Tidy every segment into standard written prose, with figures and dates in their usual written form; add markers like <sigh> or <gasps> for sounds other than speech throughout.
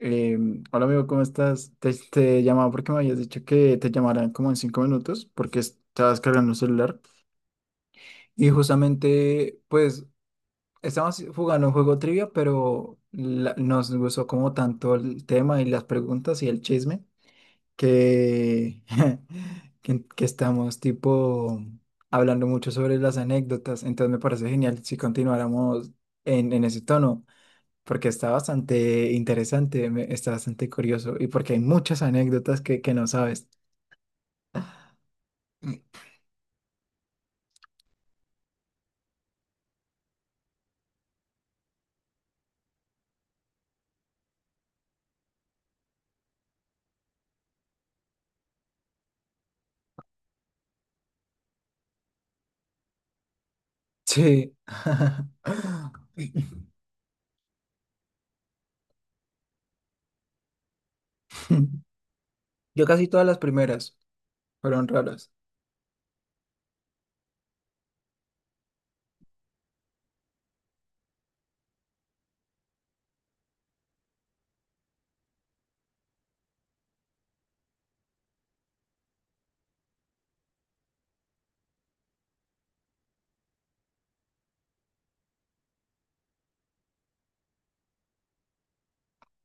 Eh, Hola amigo, ¿cómo estás? Te llamaba porque me habías dicho que te llamaran como en 5 minutos porque estabas cargando el celular. Y justamente, pues, estábamos jugando un juego trivia, pero nos gustó como tanto el tema y las preguntas y el chisme que, <laughs> que estamos tipo hablando mucho sobre las anécdotas. Entonces me parece genial si continuáramos en ese tono porque está bastante interesante, está bastante curioso y porque hay muchas anécdotas que no sabes. Sí. <laughs> Yo casi todas las primeras fueron raras.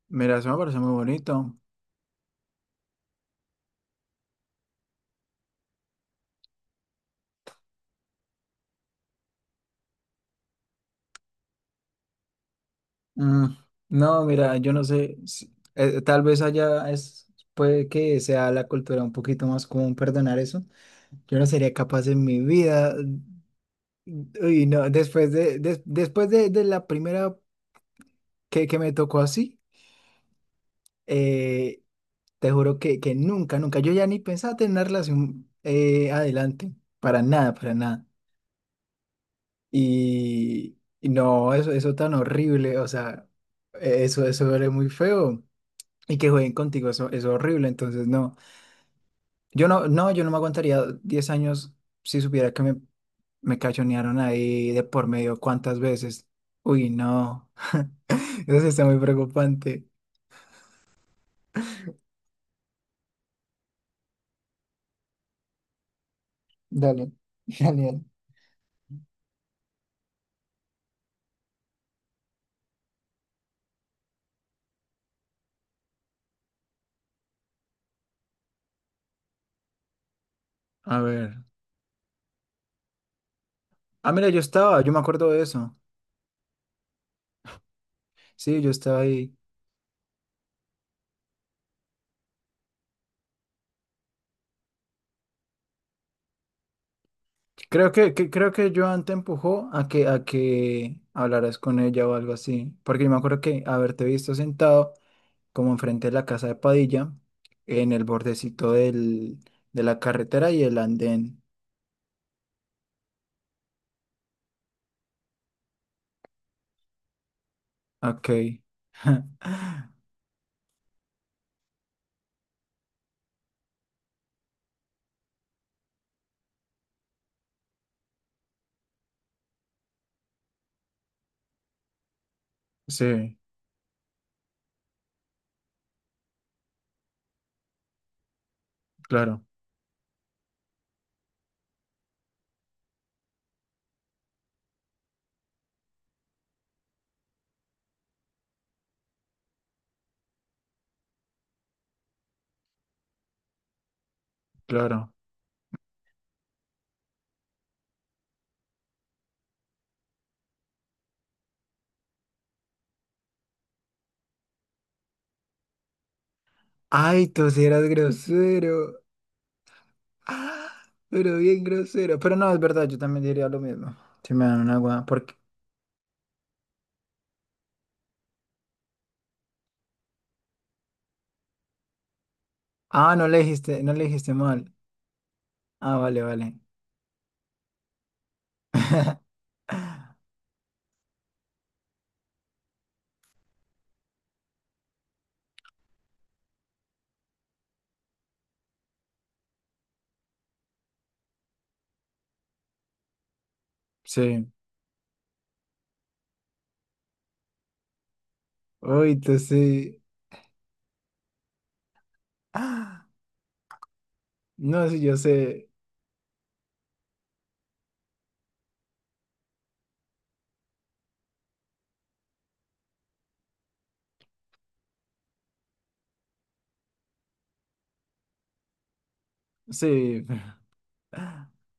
Mira, eso me parece muy bonito. Mm, no, mira, yo no sé, tal vez allá es, puede que sea la cultura un poquito más común perdonar eso. Yo no sería capaz en mi vida. Uy, no, después de la primera que me tocó así. eh, Te juro que nunca, nunca. Yo ya ni pensaba tener una relación adelante. Para nada, para nada. Y no, eso tan horrible. O sea, eso duele muy feo. Y que jueguen contigo, eso es horrible. Entonces, no. Yo no me aguantaría 10 años si supiera que me cachonearon ahí de por medio cuántas veces. Uy, no. <laughs> Eso sí está muy preocupante. Dale, <laughs> dale, dale. A ver. Ah, mira, yo me acuerdo de eso. Sí, yo estaba ahí. Creo creo que Joan te empujó a a que hablaras con ella o algo así. Porque yo me acuerdo que haberte visto sentado como enfrente de la casa de Padilla, en el bordecito de la carretera y el andén. Ok. <laughs> Sí, claro, claro. Ay, tú sí eras grosero. <gasps> Ah, Pero bien grosero. Pero no, es verdad, yo también diría lo mismo. Si me dan una agua. Porque... Ah, no le dijiste mal. Ah, vale, vale. <laughs> Sí. Uy, te sí. Ah, No, sí, yo sé. Sí. <laughs>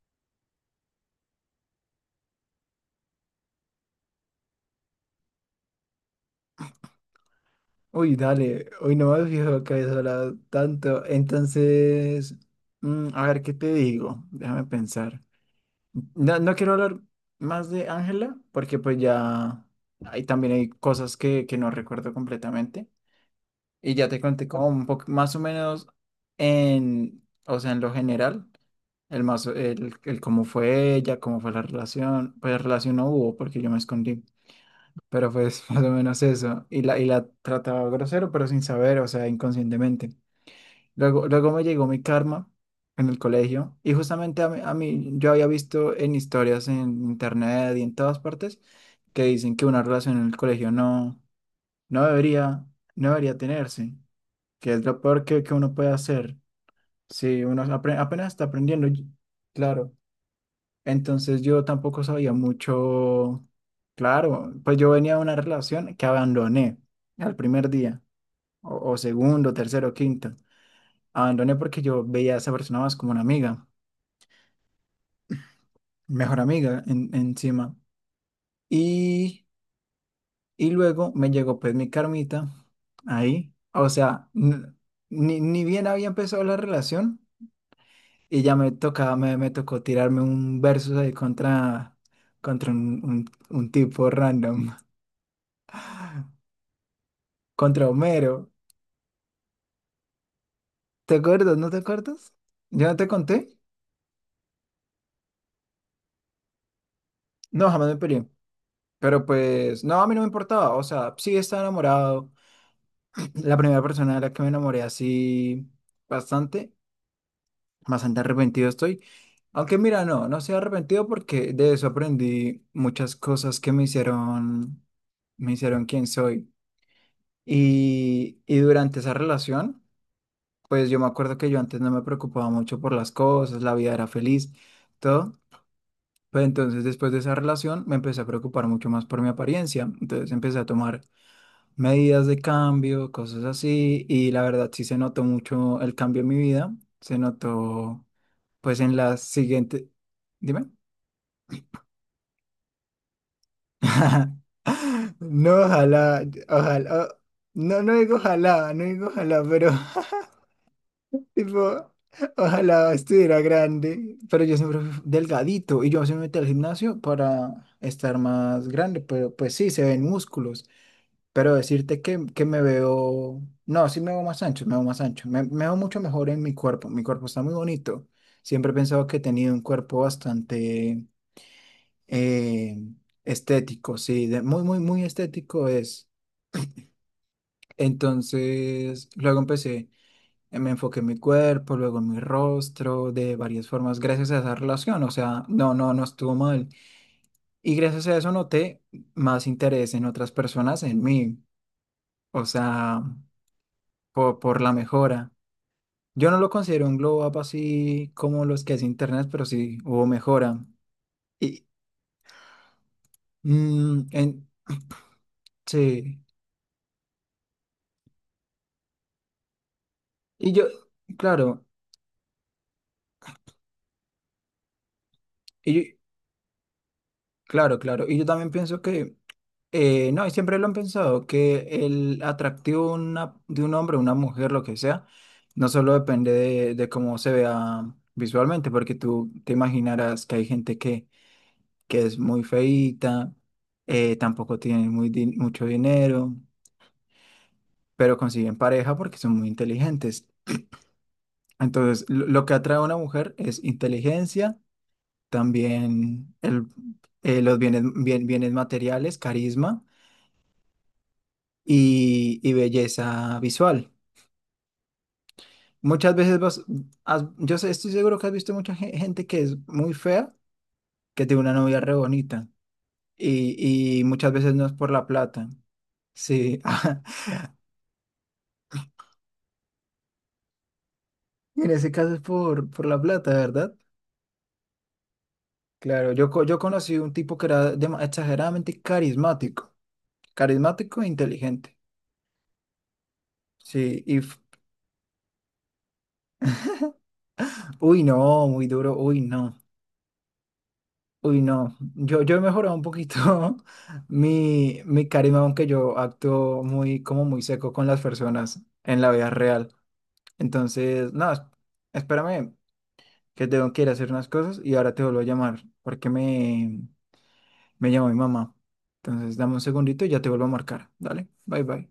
Uy, dale. Hoy no me has fijado que habías hablado tanto. Entonces, mm, a ver, ¿qué te digo? Déjame pensar. No, quiero hablar más de Ángela, porque pues ya ahí también hay cosas que no recuerdo completamente. Y ya te conté como un poco, más o menos en, o sea, en lo general. El más, el cómo fue ella, cómo fue la relación, pues relación no hubo porque yo me escondí, pero fue <laughs> más o menos eso, y la trataba grosero pero sin saber, o sea, inconscientemente. Luego me llegó mi karma en el colegio y justamente a mí yo había visto en historias en internet y en todas partes que dicen que una relación en el colegio no debería, no debería tenerse, que es lo peor que uno puede hacer si uno apenas está aprendiendo, y- claro. Entonces yo tampoco sabía mucho, claro, pues yo venía de una relación que abandoné al primer día, o segundo, tercero, quinto. Abandoné porque yo veía a esa persona más como una amiga, mejor amiga encima. Y, y luego me llegó pues mi carmita ahí, o sea, ni bien había empezado la relación y ya me tocaba, me tocó tirarme un verso ahí contra, contra un un tipo random. <laughs> contra Homero. ¿Te acuerdas? ¿No te acuerdas? ¿Ya no te conté? No, jamás me peleé. Pero pues, no, a mí no me importaba. O sea, sí estaba enamorado. <clears throat> La primera persona de la que me enamoré así bastante, bastante arrepentido estoy. Aunque mira, no, no estoy arrepentido porque de eso aprendí muchas cosas que me hicieron quien soy. Y durante esa relación, pues yo me acuerdo que yo antes no me preocupaba mucho por las cosas, la vida era feliz, todo. Pero entonces, después de esa relación, me empecé a preocupar mucho más por mi apariencia. Entonces, empecé a tomar medidas de cambio, cosas así. Y la verdad, sí se notó mucho el cambio en mi vida. Se notó, pues, en las siguientes Dime. <laughs> No, ojalá, ojalá. o- No, no digo ojalá, no digo ojalá, pero <laughs> tipo, ojalá estuviera grande. Pero yo siempre fui delgadito y yo se me metí al gimnasio para estar más grande, pero pues sí, se ven músculos. Pero decirte que me veo, no, sí me veo más ancho, me veo más ancho, me veo mucho mejor en mi cuerpo está muy bonito. Siempre he pensado que he tenido un cuerpo bastante eh, estético, sí, muy, muy, muy estético es. Entonces, me enfoqué en mi cuerpo, luego en mi rostro, de varias formas, gracias a esa relación, o sea, no estuvo mal. Y gracias a eso noté más interés en otras personas, en mí, o sea, por la mejora. Yo no lo considero un glow up así como los que hace internet, pero sí hubo mejora. Y, mm, en- sí. Y yo, claro, y yo- claro, claro. Y yo también pienso que, no, y siempre lo han pensado, que el atractivo de de un hombre, una mujer, lo que sea, no solo depende de cómo se vea visualmente, porque tú te imaginarás que hay gente que es muy feíta, tampoco tiene mucho dinero. Pero consiguen pareja porque son muy inteligentes. Entonces, lo que atrae a una mujer es inteligencia, también el, los bienes materiales, carisma y belleza visual. Muchas veces vas, estoy seguro que has visto mucha gente que es muy fea, que tiene una novia re bonita y muchas veces no es por la plata. Sí, <laughs> en ese caso es por la plata, ¿verdad? Claro, yo conocí un tipo que era exageradamente carismático. Carismático e inteligente. Sí, y... f- Uy, no, muy duro. Uy, no. Uy, no. Yo he mejorado un poquito <laughs> mi carisma, aunque yo actúo muy, como muy seco con las personas en la vida real. Entonces, no, es- espérame, que tengo que ir a hacer unas cosas y ahora te vuelvo a llamar, porque me llama mi mamá. Entonces, dame un segundito y ya te vuelvo a marcar. Dale, bye bye.